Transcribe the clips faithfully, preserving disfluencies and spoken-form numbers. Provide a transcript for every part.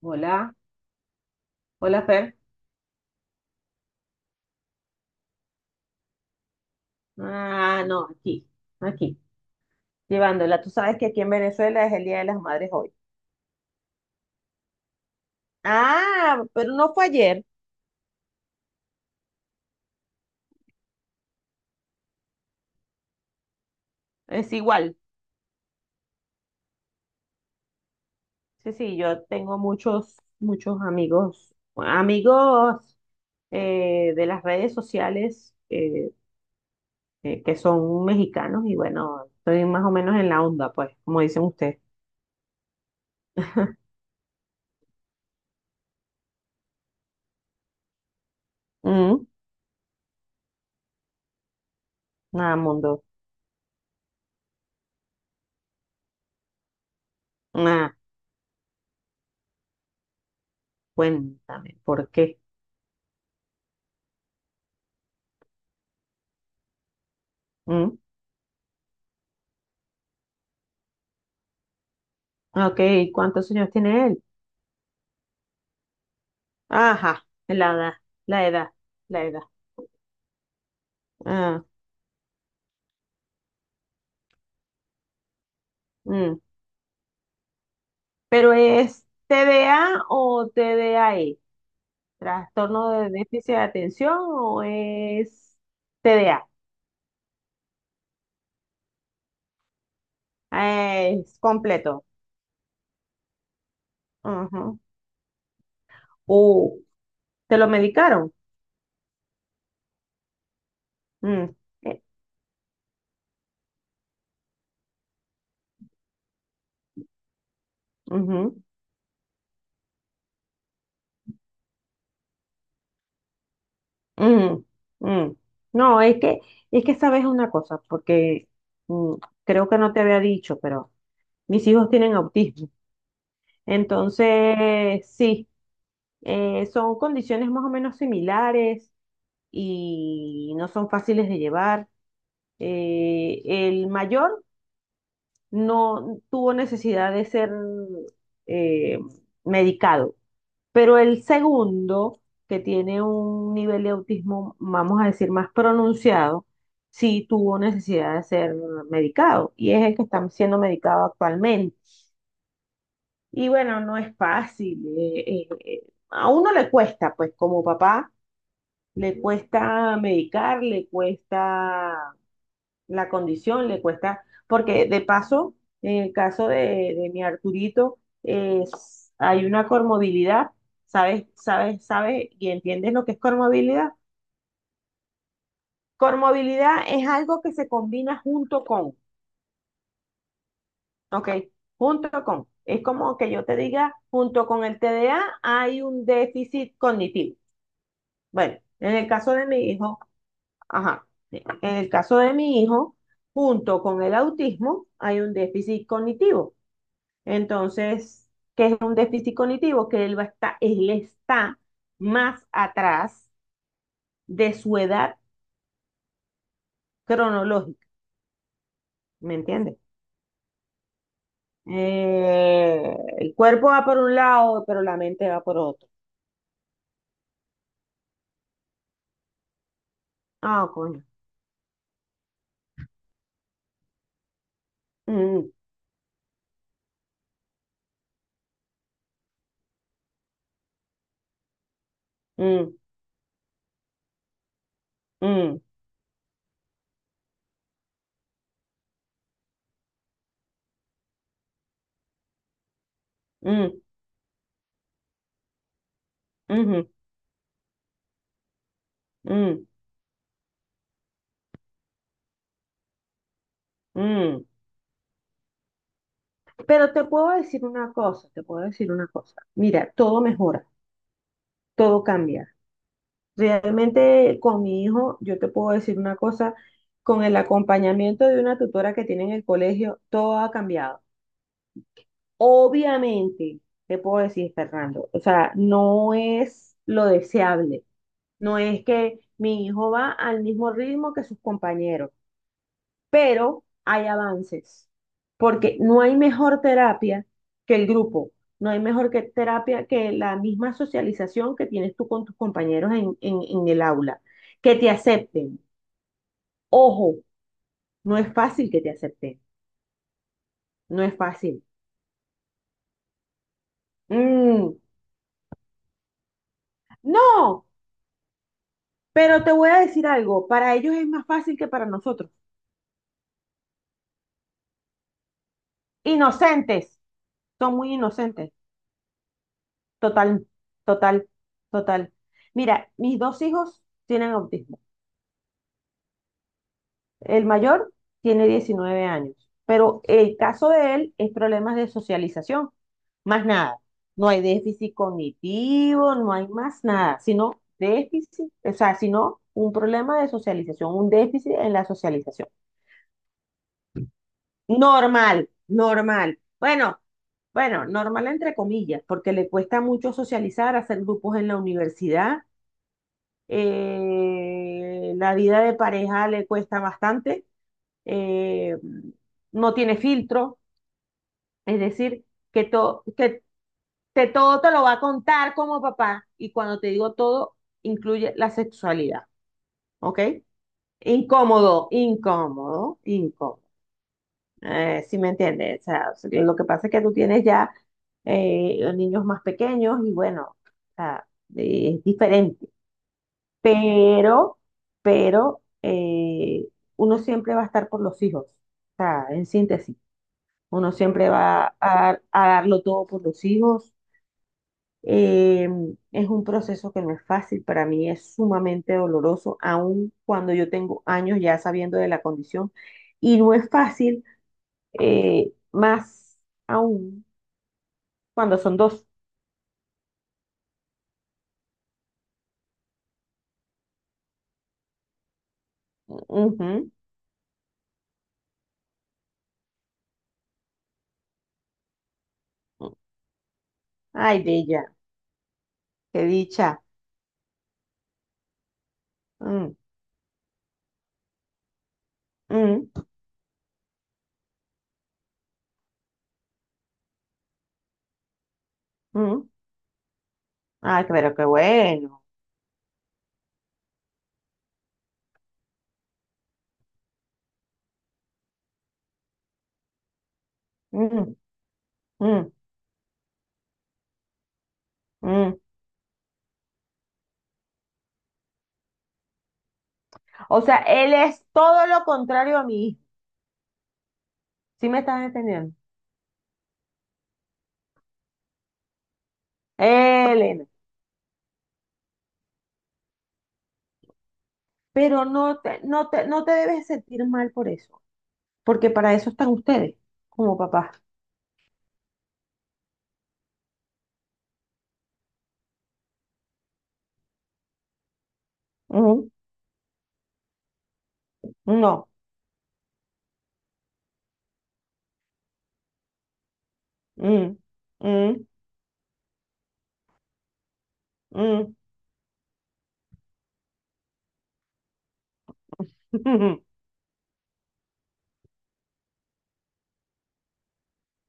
Hola, hola Fer. Ah, no, aquí, aquí, llevándola. Tú sabes que aquí en Venezuela es el Día de las Madres hoy. Ah, pero no fue ayer, es igual. Sí, sí, yo tengo muchos, muchos amigos, amigos eh, de las redes sociales eh, eh, que son mexicanos y bueno, estoy más o menos en la onda, pues, como dicen ustedes. Mm, nada, mundo. Ah, cuéntame, ¿por qué? Mm, ok, ¿cuántos años tiene él? Ajá, la edad, la edad, la edad. Ah, mm. Pero es T D A o T D A E, trastorno de déficit de atención o es T D A. Ah, es completo. Ujú. Uh, ¿te lo medicaron? Mm, eh, ujú, ujú, mm. No, es que, es que sabes una cosa, porque mm, creo que no te había dicho, pero mis hijos tienen autismo. Entonces, sí. Eh, son condiciones más o menos similares y no son fáciles de llevar. Eh, el mayor no tuvo necesidad de ser eh, medicado, pero el segundo, que tiene un nivel de autismo, vamos a decir, más pronunciado, sí tuvo necesidad de ser medicado y es el que está siendo medicado actualmente. Y bueno, no es fácil. Eh, eh, eh, a uno le cuesta, pues como papá le cuesta medicar, le cuesta la condición, le cuesta, porque de paso, en el caso de, de mi Arturito, es- hay una comorbilidad. ¿Sabes, sabes, sabes y entiendes lo que es comorbilidad? Comorbilidad es algo que se combina junto con, ¿ok? Junto con. Es como que yo te diga, junto con el T D A hay un déficit cognitivo. Bueno, en el caso de mi hijo. Ajá, sí. En el caso de mi hijo, junto con el autismo, hay un déficit cognitivo. Entonces, ¿qué es un déficit cognitivo? Que él va a estar, él está más atrás de su edad cronológica, ¿me entiendes? Eh, el cuerpo va por un lado, pero la mente va por otro. Ah, coño. Mm, mm, mm, mm, ujú, mm, mm. Pero te puedo decir una cosa, te puedo decir una cosa. Mira, todo mejora. Todo cambia. Realmente con mi hijo, yo te puedo decir una cosa, con el acompañamiento de una tutora que tiene en el colegio, todo ha cambiado. Obviamente, te puedo decir, Fernando, o sea, no es lo deseable. No es que mi hijo va al mismo ritmo que sus compañeros, pero hay avances, porque no hay mejor terapia que el grupo, no hay mejor que terapia que la misma socialización que tienes tú con tus compañeros en, en- en el aula, que te acepten. Ojo, no es fácil que te acepten, no es fácil. Mm, no, pero te voy a decir algo, para ellos es más fácil que para nosotros. Inocentes, son muy inocentes, total, total, total. Mira, mis dos hijos tienen autismo. El mayor tiene diecinueve años, pero el caso de él es problemas de socialización, más nada. No hay déficit cognitivo, no hay más nada, sino déficit, o sea, sino un problema de socialización, un déficit en la socialización. Normal, normal. Bueno, bueno, normal entre comillas, porque le cuesta mucho socializar, hacer grupos en la universidad. Eh, la vida de pareja le cuesta bastante. eh, no tiene filtro, es decir, que, to- que te, todo te lo va a contar como papá y cuando te digo todo, incluye la sexualidad, ¿ok? Incómodo, incómodo, incómodo. Eh, ¿si me entiendes? O sea, lo que pasa es que tú tienes ya eh, niños más pequeños y bueno, o sea, eh, es diferente, pero, pero eh, uno siempre va a estar por los hijos, o sea, en síntesis. Uno siempre va a, dar- a darlo todo por los hijos. Eh, es un proceso que no es fácil, para mí es sumamente doloroso, aun cuando yo tengo años ya sabiendo de la condición. Y no es fácil, eh, más aún cuando son dos. Ujú. Ay, bella, qué dicha. Mm, mm, mm. Ay, pero qué bueno. Mm, mm, mm. O sea, él es todo lo contrario a mí. ¿Sí me estás entendiendo? Elena, pero no te, no te, no te debes sentir mal por eso, porque para eso están ustedes, como papás. Ujú. No. Mm, mm, mm.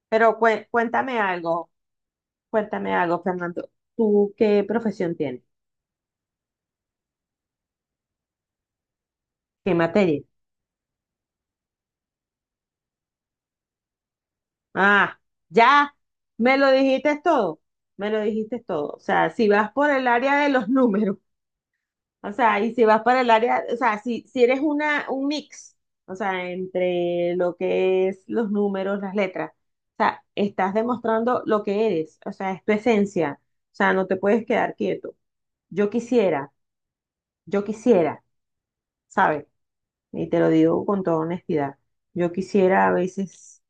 Pero cué- cuéntame algo, cuéntame algo, Fernando. ¿Tú qué profesión tienes? ¿Qué materia? Ah, ya, me lo dijiste todo, me lo dijiste todo. O sea, si vas por el área de los números. O sea, y si vas para el área, o sea, si, si eres una, un mix, o sea, entre lo que es los números, las letras, o sea, estás demostrando lo que eres, o sea, es tu esencia, o sea, no te puedes quedar quieto. Yo quisiera, yo quisiera, ¿sabes? Y te lo digo con toda honestidad, yo quisiera a veces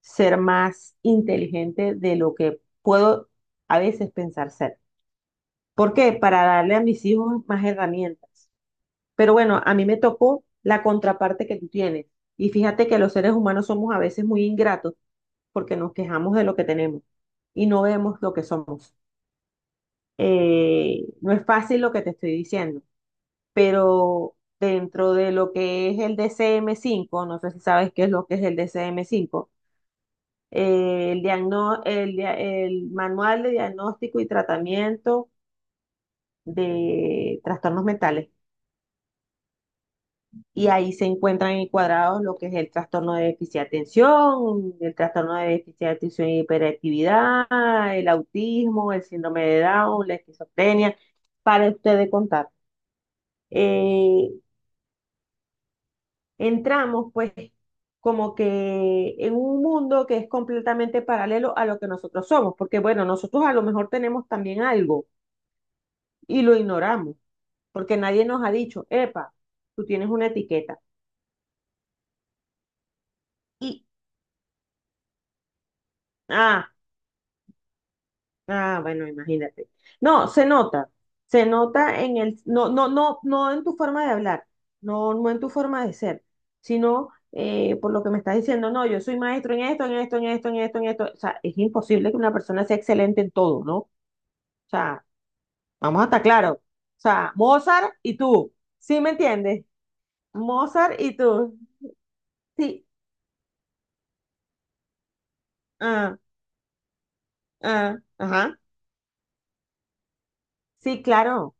ser más inteligente de lo que puedo a veces pensar ser. ¿Por qué? Para darle a mis hijos más herramientas. Pero bueno, a mí me tocó la contraparte que tú tienes. Y fíjate que los seres humanos somos a veces muy ingratos porque nos quejamos de lo que tenemos y no vemos lo que somos. Eh, no es fácil lo que te estoy diciendo, pero dentro de lo que es el D C M cinco, no sé si sabes qué es lo que es el D C M cinco, eh, el, diagno- el dia- el Manual de Diagnóstico y Tratamiento de Trastornos Mentales. Y ahí se encuentran encuadrados lo que es el trastorno de déficit de atención, el trastorno de déficit de atención y hiperactividad, el autismo, el síndrome de Down, la esquizofrenia, para ustedes contar. Eh, entramos pues como que en un mundo que es completamente paralelo a lo que nosotros somos, porque bueno, nosotros a lo mejor tenemos también algo y lo ignoramos, porque nadie nos ha dicho, epa, tú tienes una etiqueta. Y, ah, Ah, bueno, imagínate. No, se nota, se nota en el, no, no, no, no en tu forma de hablar, no, no en tu forma de ser, sino eh, por lo que me estás diciendo, no, yo soy maestro en esto, en esto, en esto, en esto, en esto. O sea, es imposible que una persona sea excelente en todo, ¿no? O sea, vamos a estar claros. O sea, Mozart y tú, ¿sí me entiendes? Mozart y tú, sí, ah, ah, ajá, sí, claro.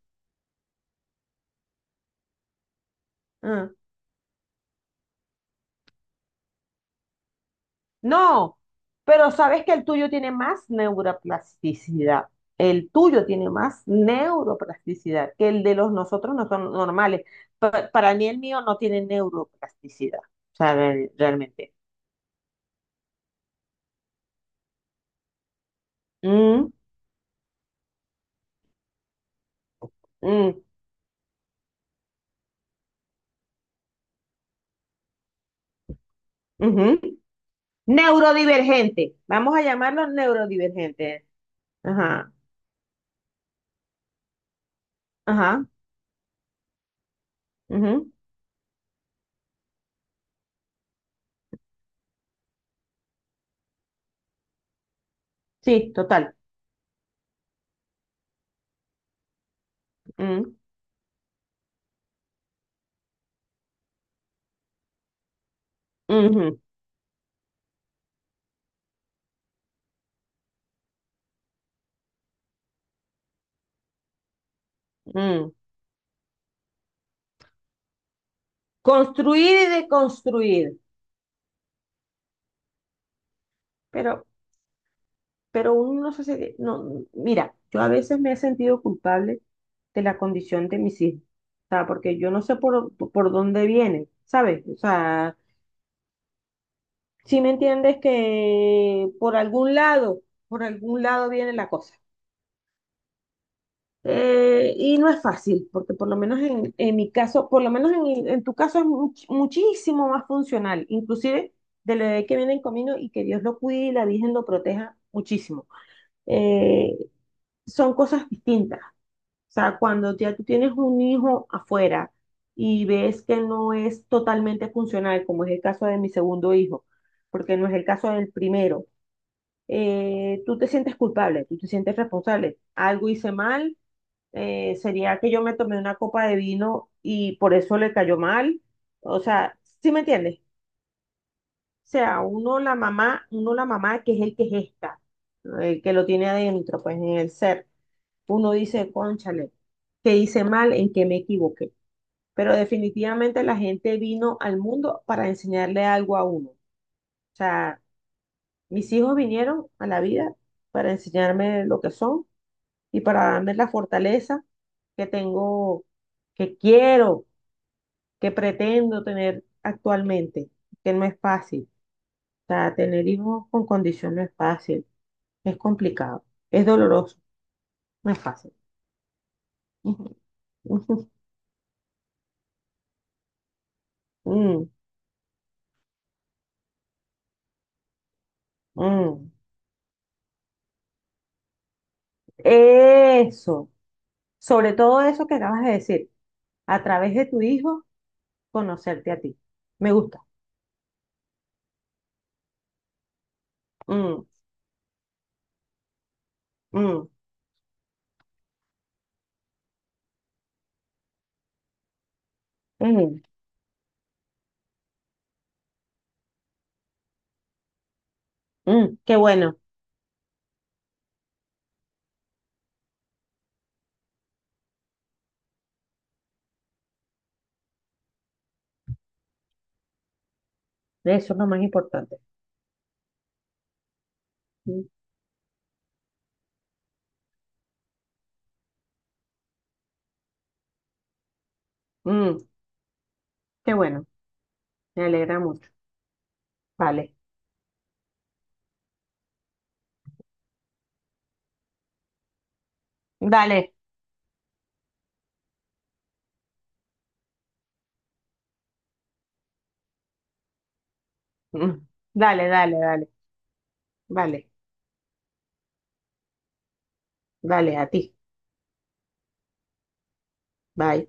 Ah. No, pero sabes que el tuyo tiene más neuroplasticidad. El tuyo tiene más neuroplasticidad que el de los nosotros no son normales. Pa- para mí el mío no tiene neuroplasticidad. O sea, re- realmente. Mm, mm, ujú. Neurodivergente. Vamos a llamarlo neurodivergente. Ajá, ajá. Ujú. Sí, total. Mm, ujú, mm. Construir y deconstruir. Pero, pero uno no se. se- No, mira, yo a veces me he sentido culpable de la condición de mis hijos, o sea, porque yo no sé por, por dónde vienen, ¿sabes? O sea, si me entiendes que por algún lado, por algún lado viene la cosa. Eh, y no es fácil, porque por lo menos en, en mi caso, por lo menos en, en tu caso es much- muchísimo más funcional, inclusive del bebé que viene en camino y que Dios lo cuide y la Virgen lo proteja muchísimo. Eh, son cosas distintas. O sea, cuando ya tú tienes un hijo afuera y ves que no es totalmente funcional, como es el caso de mi segundo hijo, porque no es el caso del primero, eh, tú te sientes culpable, tú te sientes responsable. Algo hice mal, eh, sería que yo me tomé una copa de vino y por eso le cayó mal. O sea, ¿sí me entiendes? O sea, uno la mamá, uno la mamá que es el que gesta, el que lo tiene adentro, pues en el ser uno dice, cónchale, que hice mal, en que me equivoqué. Pero definitivamente la gente vino al mundo para enseñarle algo a uno. O sea, mis hijos vinieron a la vida para enseñarme lo que son y para darme la fortaleza que tengo, que quiero, que pretendo tener actualmente, que no es fácil. O sea, tener hijos con condición no es fácil, es complicado, es doloroso, no es fácil. Mm, mm. Eso, sobre todo eso que acabas de decir, a través de tu hijo, conocerte a ti. Me gusta. Mm, mm, mm, mm, qué bueno, eso es lo más importante. Mm, mm, qué bueno, me alegra mucho. Vale, dale, mm, dale, dale, dale, vale, dale, a ti. Bye.